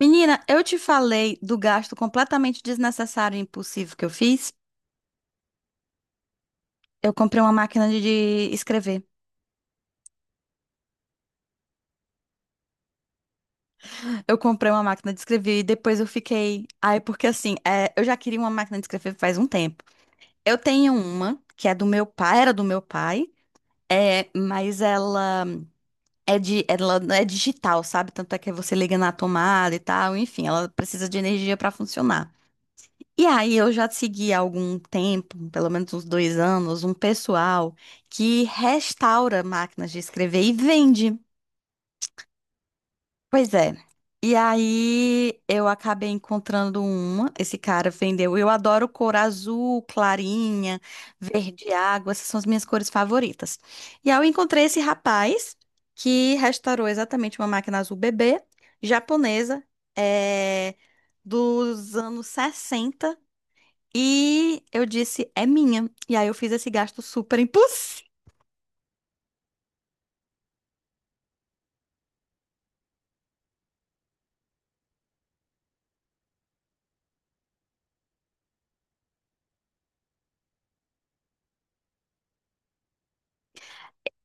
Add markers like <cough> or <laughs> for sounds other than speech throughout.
Menina, eu te falei do gasto completamente desnecessário e impulsivo que eu fiz. Eu comprei uma máquina de escrever. Eu comprei uma máquina de escrever e depois eu fiquei. Ai, porque assim, é, eu já queria uma máquina de escrever faz um tempo. Eu tenho uma que é do meu pai, era do meu pai, é, mas ela é de, ela é digital, sabe? Tanto é que você liga na tomada e tal, enfim, ela precisa de energia para funcionar. E aí eu já segui há algum tempo, pelo menos uns dois anos, um pessoal que restaura máquinas de escrever e vende. Pois é. E aí eu acabei encontrando uma, esse cara vendeu. Eu adoro cor azul, clarinha, verde água, essas são as minhas cores favoritas. E aí eu encontrei esse rapaz que restaurou exatamente uma máquina azul bebê, japonesa, é, dos anos 60, e eu disse, é minha. E aí eu fiz esse gasto super impulsivo.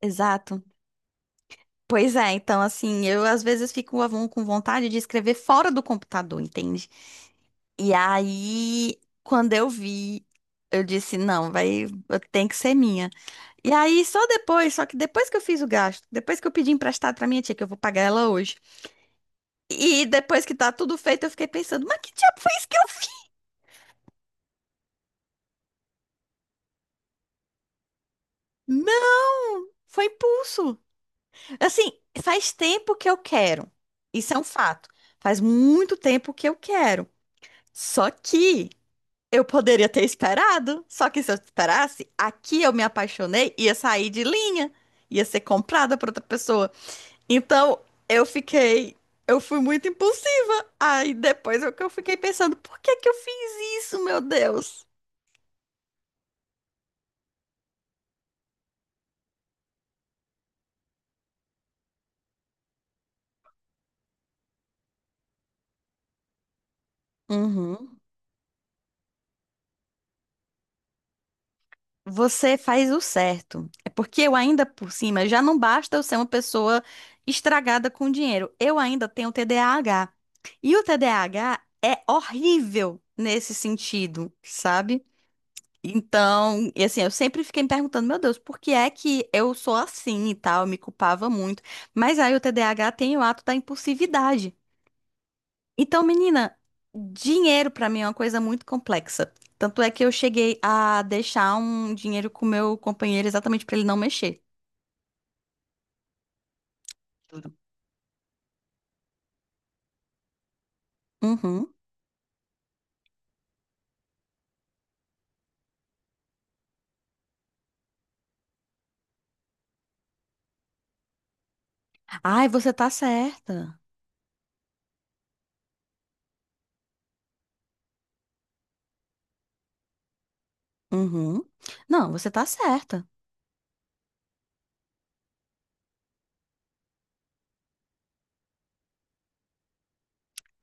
Exato. Pois é, então assim, eu às vezes fico com vontade de escrever fora do computador, entende? E aí, quando eu vi, eu disse, não, vai, tem que ser minha. E aí, só depois, só que depois que eu fiz o gasto, depois que eu pedi emprestado pra minha tia, que eu vou pagar ela hoje, e depois que tá tudo feito, eu fiquei pensando, mas que diabo foi isso que eu fiz? Não, foi impulso. Assim, faz tempo que eu quero. Isso é um fato. Faz muito tempo que eu quero. Só que eu poderia ter esperado. Só que se eu esperasse, aqui eu me apaixonei, ia sair de linha, ia ser comprada por outra pessoa. Então, eu fiquei. Eu fui muito impulsiva. Aí depois eu, que eu fiquei pensando, por que que eu fiz isso, meu Deus? Uhum. Você faz o certo. É porque eu ainda por cima, já não basta eu ser uma pessoa estragada com dinheiro. Eu ainda tenho TDAH. E o TDAH é horrível nesse sentido, sabe? Então, e assim, eu sempre fiquei me perguntando, meu Deus, por que é que eu sou assim e tal? Eu me culpava muito. Mas aí o TDAH tem o ato da impulsividade. Então, menina, dinheiro pra mim é uma coisa muito complexa. Tanto é que eu cheguei a deixar um dinheiro com o meu companheiro exatamente pra ele não mexer. Uhum. Ai, você tá certa. Uhum. Não, você tá certa.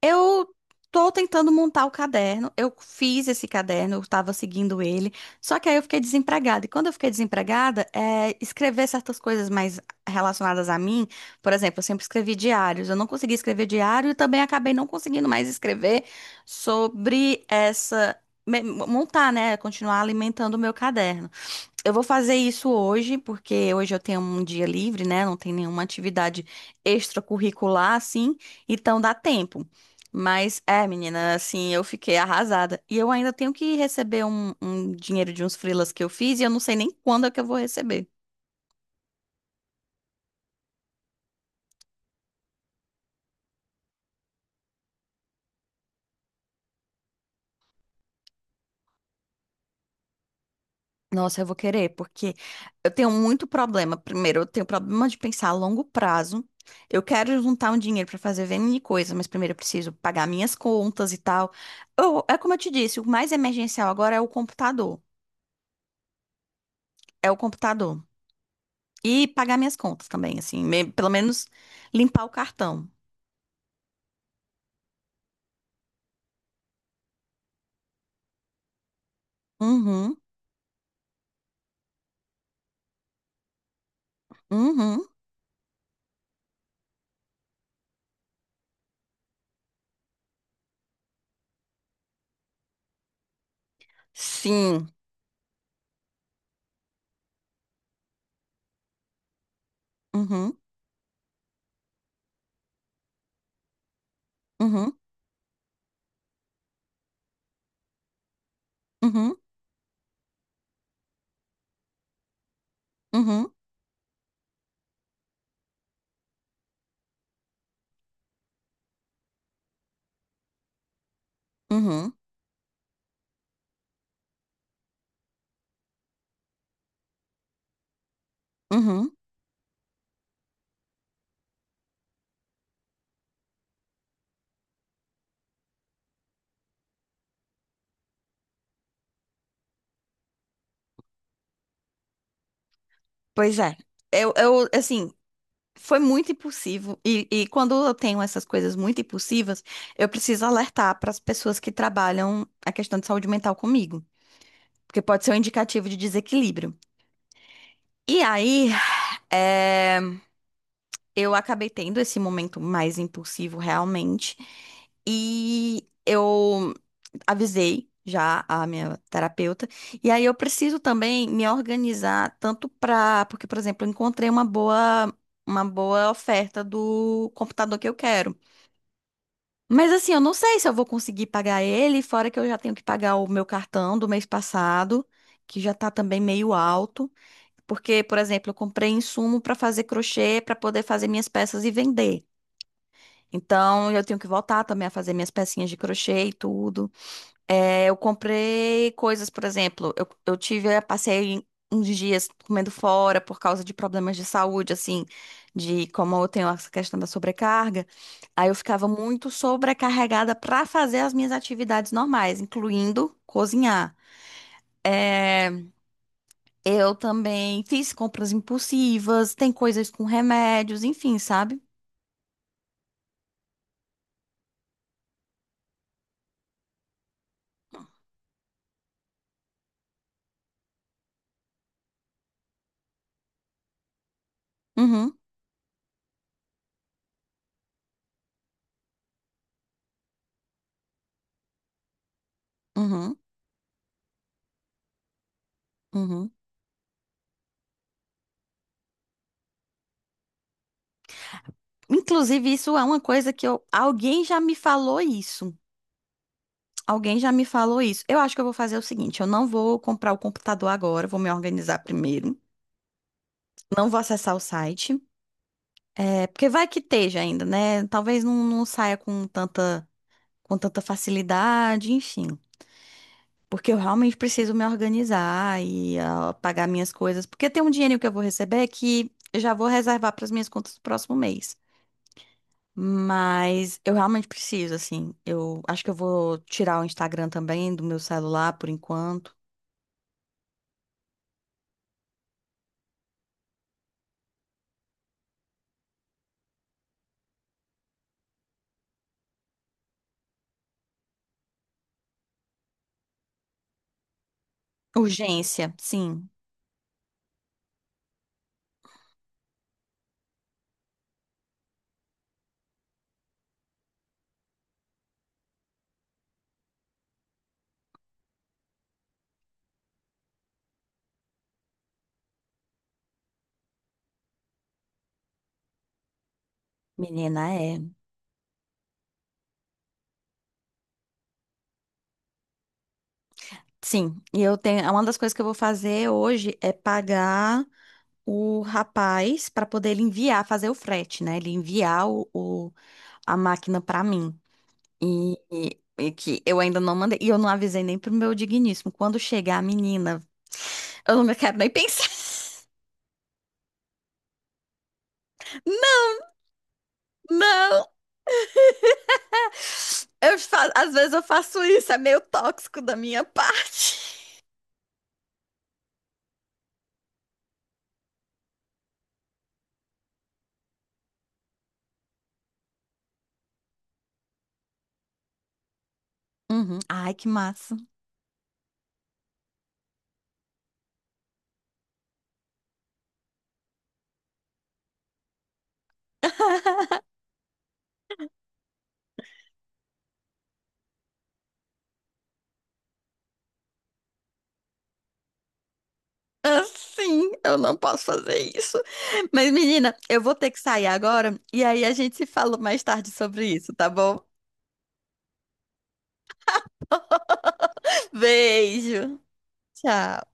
Eu tô tentando montar o caderno. Eu fiz esse caderno, eu estava seguindo ele. Só que aí eu fiquei desempregada. E quando eu fiquei desempregada, é, escrever certas coisas mais relacionadas a mim, por exemplo, eu sempre escrevi diários. Eu não consegui escrever diário e também acabei não conseguindo mais escrever sobre essa. Montar, né? Continuar alimentando o meu caderno. Eu vou fazer isso hoje, porque hoje eu tenho um dia livre, né? Não tem nenhuma atividade extracurricular, assim, então dá tempo. Mas é, menina, assim, eu fiquei arrasada. E eu ainda tenho que receber um dinheiro de uns freelas que eu fiz e eu não sei nem quando é que eu vou receber. Nossa, eu vou querer, porque eu tenho muito problema. Primeiro, eu tenho problema de pensar a longo prazo. Eu quero juntar um dinheiro para fazer N coisa, mas primeiro eu preciso pagar minhas contas e tal. Eu- é como eu te disse, o mais emergencial agora é o computador. É o computador. E pagar minhas contas também, assim, pelo menos limpar o cartão. Uhum, uhum, sim. Uhum, uhum, uhum, uhum, uhum, uhum. Pois é. Assim. Foi muito impulsivo. E quando eu tenho essas coisas muito impulsivas, eu preciso alertar para as pessoas que trabalham a questão de saúde mental comigo. Porque pode ser um indicativo de desequilíbrio. E aí, eh, eu acabei tendo esse momento mais impulsivo realmente. E eu avisei já a minha terapeuta. E aí eu preciso também me organizar tanto para, porque, por exemplo, eu encontrei uma boa oferta do computador que eu quero. Mas assim, eu não sei se eu vou conseguir pagar ele, fora que eu já tenho que pagar o meu cartão do mês passado, que já tá também meio alto, porque, por exemplo, eu comprei insumo para fazer crochê para poder fazer minhas peças e vender. Então, eu tenho que voltar também a fazer minhas pecinhas de crochê e tudo. É, eu comprei coisas, por exemplo, eu tive, eu passei uns dias comendo fora por causa de problemas de saúde, assim, de como eu tenho essa questão da sobrecarga. Aí eu ficava muito sobrecarregada para fazer as minhas atividades normais, incluindo cozinhar. É, eu também fiz compras impulsivas, tem coisas com remédios, enfim, sabe? Uhum, uhum, uhum. Inclusive, isso é uma coisa que eu, alguém já me falou isso. Alguém já me falou isso. Eu acho que eu vou fazer o seguinte: eu não vou comprar o computador agora, vou me organizar primeiro. Não vou acessar o site, é, porque vai que esteja ainda, né? Talvez não, não saia com tanta facilidade, enfim. Porque eu realmente preciso me organizar e ah, pagar minhas coisas. Porque tem um dinheiro que eu vou receber que eu já vou reservar para as minhas contas do próximo mês. Mas eu realmente preciso, assim. Eu acho que eu vou tirar o Instagram também do meu celular por enquanto. Urgência, sim. Menina, é. Sim. E eu tenho. Uma das coisas que eu vou fazer hoje é pagar o rapaz para poder ele enviar, fazer o frete, né? Ele enviar a máquina para mim. E que eu ainda não mandei. E eu não avisei nem pro meu digníssimo. Quando chegar a menina, eu não quero nem pensar. <laughs> Não! Às vezes eu faço isso, é meio tóxico da minha <laughs> parte. Uhum. Ai, que massa. <laughs> Assim, eu não posso fazer isso. Mas, menina, eu vou ter que sair agora e aí a gente se fala mais tarde sobre isso, tá bom? Beijo. Tchau.